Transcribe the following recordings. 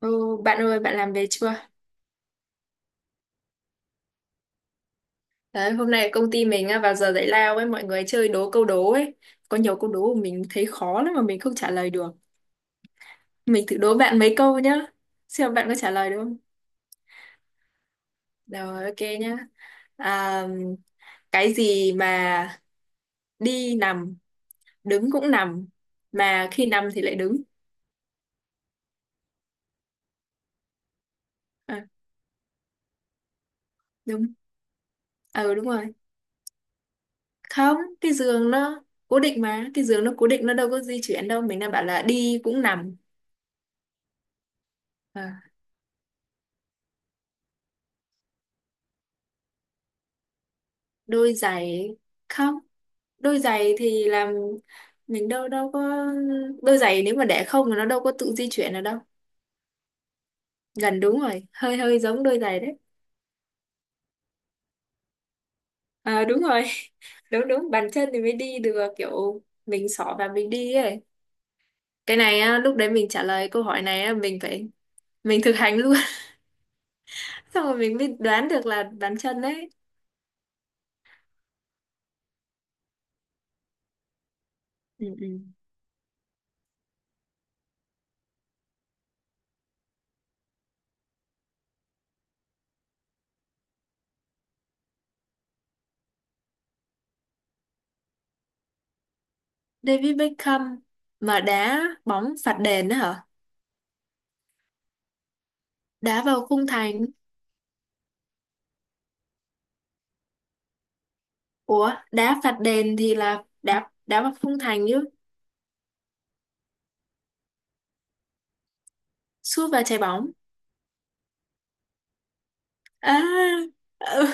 Ừ, bạn ơi, bạn làm về chưa? Đấy, hôm nay công ty mình á, vào giờ giải lao ấy, mọi người chơi đố câu đố ấy. Có nhiều câu đố mà mình thấy khó lắm mà mình không trả lời được. Mình thử đố bạn mấy câu nhá. Xem bạn có trả lời được không? Rồi, ok nhá. À, cái gì mà đi nằm, đứng cũng nằm, mà khi nằm thì lại đứng. À, đúng. Ừ, đúng rồi. Không, cái giường nó cố định mà. Cái giường nó cố định, nó đâu có di chuyển đâu. Mình đang bảo là đi cũng nằm. À, đôi giày không, đôi giày thì làm mình đâu đâu có đôi giày, nếu mà để không thì nó đâu có tự di chuyển được đâu. Gần đúng rồi, hơi hơi giống đôi giày đấy. À, đúng rồi. Đúng, đúng, bàn chân thì mới đi được, kiểu mình xỏ và mình đi ấy. Cái này á, lúc đấy mình trả lời câu hỏi này á, mình phải mình thực hành luôn. Xong rồi mình mới đoán được là bàn chân đấy. Ừ, ừ. David Beckham mà đá bóng phạt đền đó hả? Đá vào khung thành. Ủa, đá phạt đền thì là đá đá vào khung thành chứ, sút vào trái bóng. À, ừ,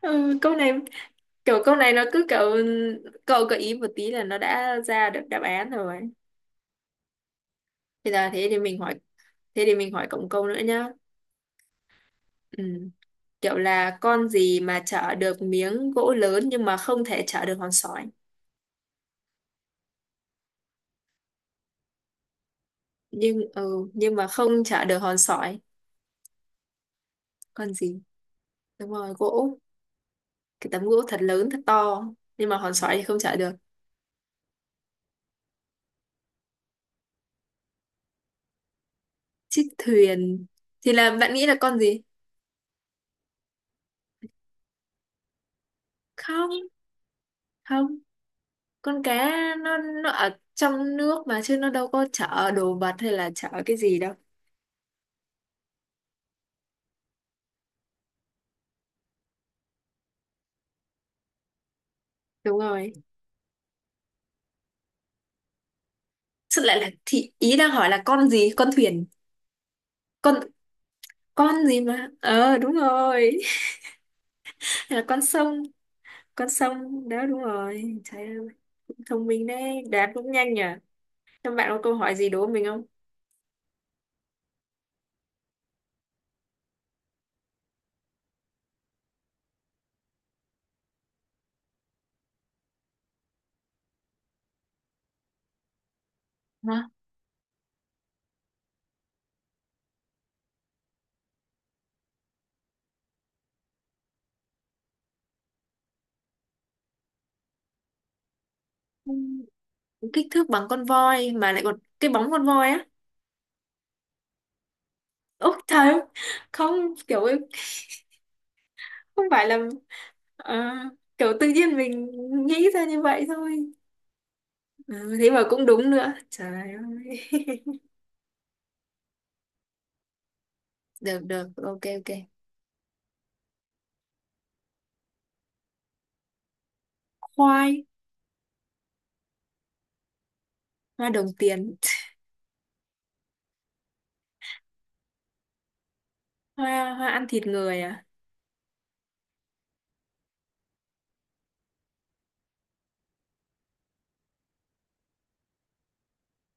ừ, câu này, kiểu câu này nó cứ kiểu cậu gợi ý một tí là nó đã ra được đáp án rồi. Bây giờ thế thì mình hỏi, thế thì mình hỏi cộng câu nữa nhá. Ừ. Kiểu là con gì mà chở được miếng gỗ lớn nhưng mà không thể chở được hòn sỏi. Nhưng nhưng mà không chở được hòn sỏi. Con gì? Đúng rồi, gỗ. Cái tấm gỗ thật lớn thật to nhưng mà hòn sỏi thì không chở được. Chiếc thuyền thì là bạn nghĩ là con gì? Không, không, con cá nó ở trong nước mà chứ nó đâu có chở đồ vật hay là chở cái gì đâu. Đúng rồi. Xuất lại là thì ý đang hỏi là con gì? Con thuyền. Con con gì mà? Ờ đúng rồi. Hay là con sông đó đúng rồi. Trời ơi, cũng thông minh đấy, đoán cũng nhanh nhỉ. Các bạn có câu hỏi gì đố mình không? Hả? Kích thước bằng con voi mà lại còn cái bóng con voi á. Úc trời ơi. Không kiểu, không phải là ờ, kiểu tự nhiên mình nghĩ ra như vậy thôi. Ừ, thế mà cũng đúng nữa trời ơi. Được được, ok ok. Khoai. Hoa đồng tiền. Hoa, hoa ăn thịt người à?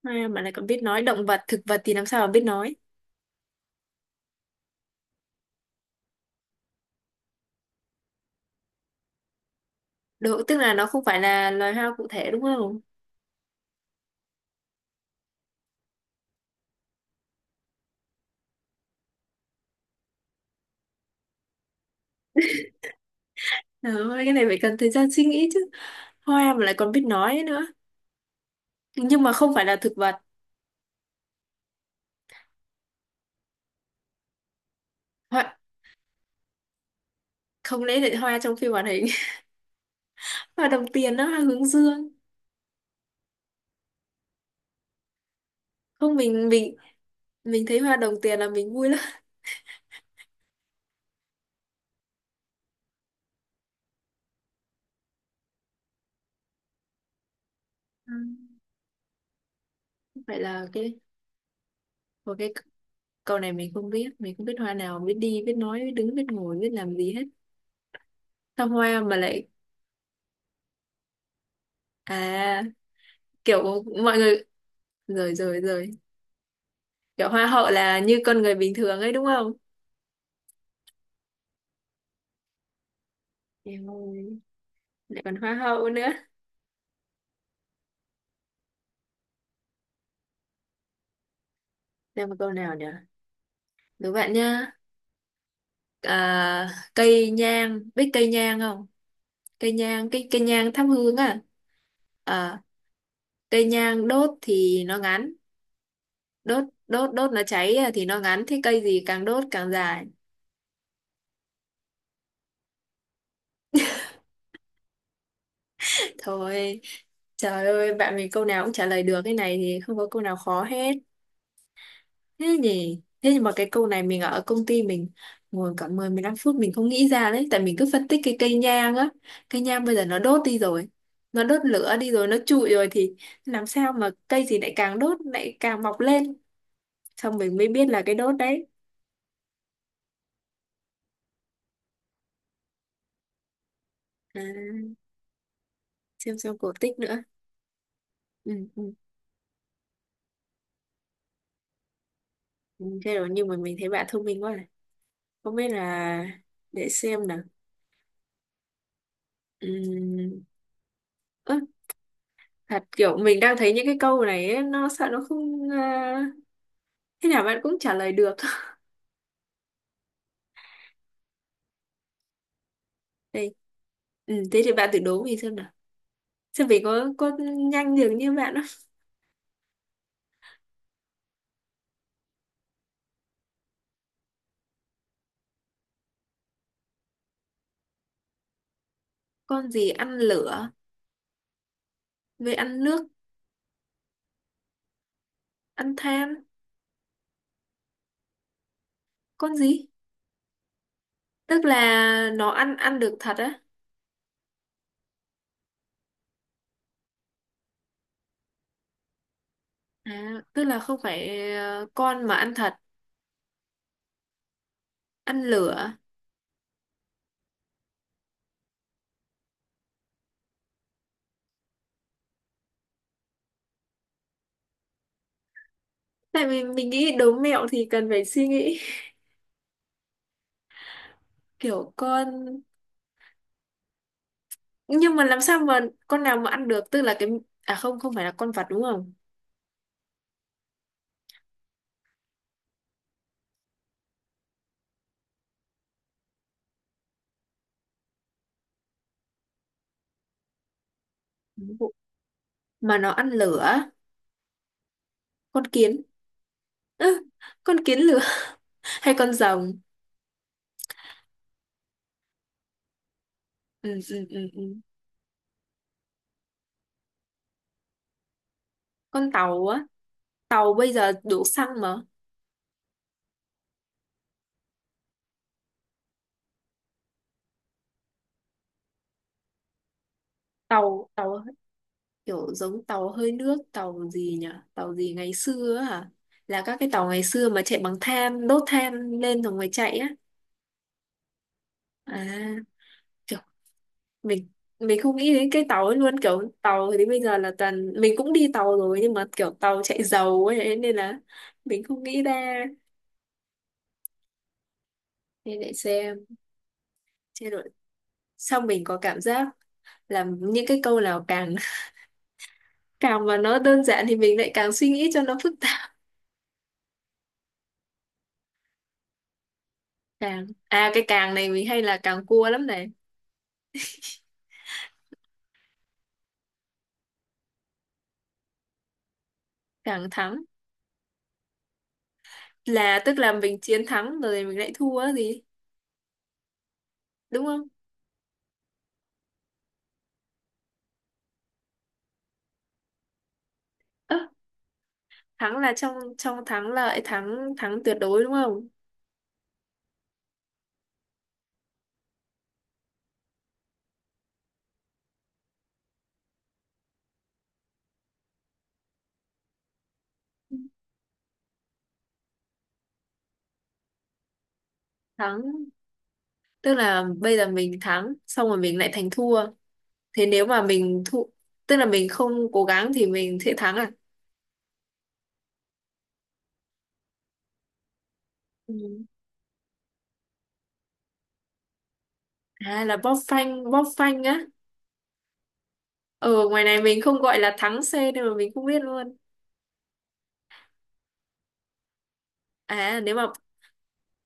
Hoa mà lại còn biết nói, động vật thực vật thì làm sao mà biết nói. Độ, tức là nó không phải là loài hoa cụ thể đúng không? Trời, cái này phải cần thời gian suy nghĩ chứ, hoa mà lại còn biết nói nữa, nhưng mà không phải là thực vật. Hoa, không lẽ lại hoa trong phim hoạt hình. Hoa đồng tiền đó, hoa hướng dương. Không mình, mình thấy hoa đồng tiền là mình vui lắm. Ừ. Vậy là cái, một cái câu này mình không biết, mình không biết hoa nào biết đi biết nói biết đứng biết ngồi biết làm gì hết. Sao hoa mà lại, à kiểu mọi người, rồi rồi rồi, kiểu hoa hậu là như con người bình thường ấy đúng không? Em ơi, lại còn hoa hậu nữa. Xem một câu nào nhỉ, đố bạn nhá. À, cây nhang, biết cây nhang không? Cây nhang, cây cây nhang thắp hương à. À, cây nhang đốt thì nó ngắn, đốt đốt đốt nó cháy à, thì nó ngắn, thế cây gì càng đốt càng dài. Thôi trời ơi, bạn mình câu nào cũng trả lời được, cái này thì không có câu nào khó hết. Thế nhỉ, thế nhưng mà cái câu này mình ở công ty mình ngồi cả 10 15 phút mình không nghĩ ra đấy, tại mình cứ phân tích cái cây nhang á. Cây nhang bây giờ nó đốt đi rồi, nó đốt lửa đi rồi nó trụi rồi thì làm sao mà cây gì lại càng đốt lại càng mọc lên. Xong mình mới biết là cái đốt đấy. À, xem cổ tích nữa. Ừ, ừ. Ừ, thế rồi nhưng mà mình thấy bạn thông minh quá à. Không biết là, để xem nào. Ừm, ơ, thật kiểu mình đang thấy những cái câu này ấy, nó sợ nó không à, thế nào bạn cũng trả lời được. Đây, ừ, thế thì bạn thử đố mình xem nào, xem mình có nhanh được như bạn không. Con gì ăn lửa, với ăn nước, ăn than. Con gì, tức là nó ăn ăn được thật á? À, tức là không phải con mà ăn thật, ăn lửa. Tại vì mình nghĩ đố mẹo thì cần phải suy nghĩ. Kiểu con, nhưng mà làm sao mà con nào mà ăn được, tức là cái, à không không phải là con vật đúng không? Đúng rồi. Mà nó ăn lửa. Con kiến. Ư, con kiến lửa. Hay con rồng. Ừ, ừ, ừ, ừ. Con tàu á? Tàu bây giờ đổ xăng mà. Tàu tàu, kiểu giống tàu hơi nước, tàu gì nhỉ, tàu gì ngày xưa á hả, là các cái tàu ngày xưa mà chạy bằng than đốt than lên rồi mới chạy á. À mình mình không nghĩ đến cái tàu ấy luôn, kiểu tàu thì đến bây giờ là toàn mình cũng đi tàu rồi nhưng mà kiểu tàu chạy dầu ấy, thế nên là mình không nghĩ ra. Nên để xem chế độ. Xong mình có cảm giác là những cái câu nào càng càng mà nó đơn giản thì mình lại càng suy nghĩ cho nó phức tạp. Càng à, cái càng này mình hay là càng cua lắm này. Càng thắng, là tức là mình chiến thắng rồi mình lại thua á gì đúng không? Ơ, thắng là trong trong thắng lợi, thắng thắng tuyệt đối đúng không? Thắng tức là bây giờ mình thắng xong rồi mình lại thành thua, thế nếu mà mình thua tức là mình không cố gắng thì mình sẽ thắng à? Ừ. À là bóp phanh, bóp phanh á. Ở ngoài này mình không gọi là thắng xe nên mà mình không biết luôn. À nếu mà,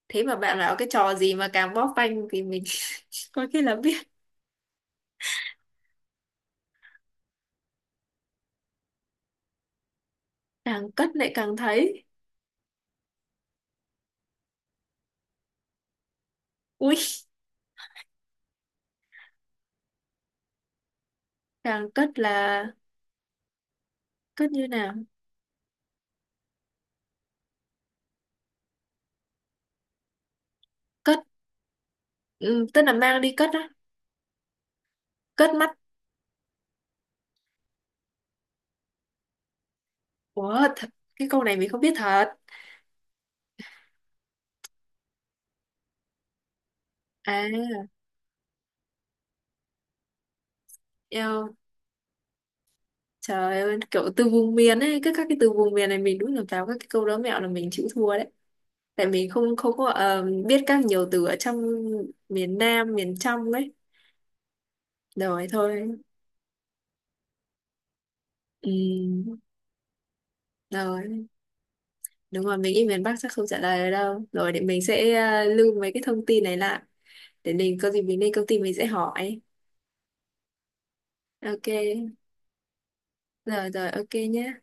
thế mà bạn bảo cái trò gì mà càng bóp phanh thì mình có khi là biết. Càng cất lại càng thấy. Ui, càng cất là cất như nào? Cất, ừ, tức là mang đi cất á, cất mắt. Ủa thật, cái câu này mình không biết thật. À, trời ơi, kiểu từ vùng miền ấy, cứ các cái từ vùng miền này mình đúng là vào các cái câu đố mẹo là mình chịu thua đấy. Tại mình không không có biết các nhiều từ ở trong miền Nam, miền trong ấy. Rồi thôi. Ừ, rồi, đúng rồi, mình nghĩ miền Bắc chắc không trả lời được đâu. Rồi để mình sẽ lưu mấy cái thông tin này lại. Để mình có gì mình lên công ty mình sẽ hỏi. Ok, rồi rồi, ok nhé.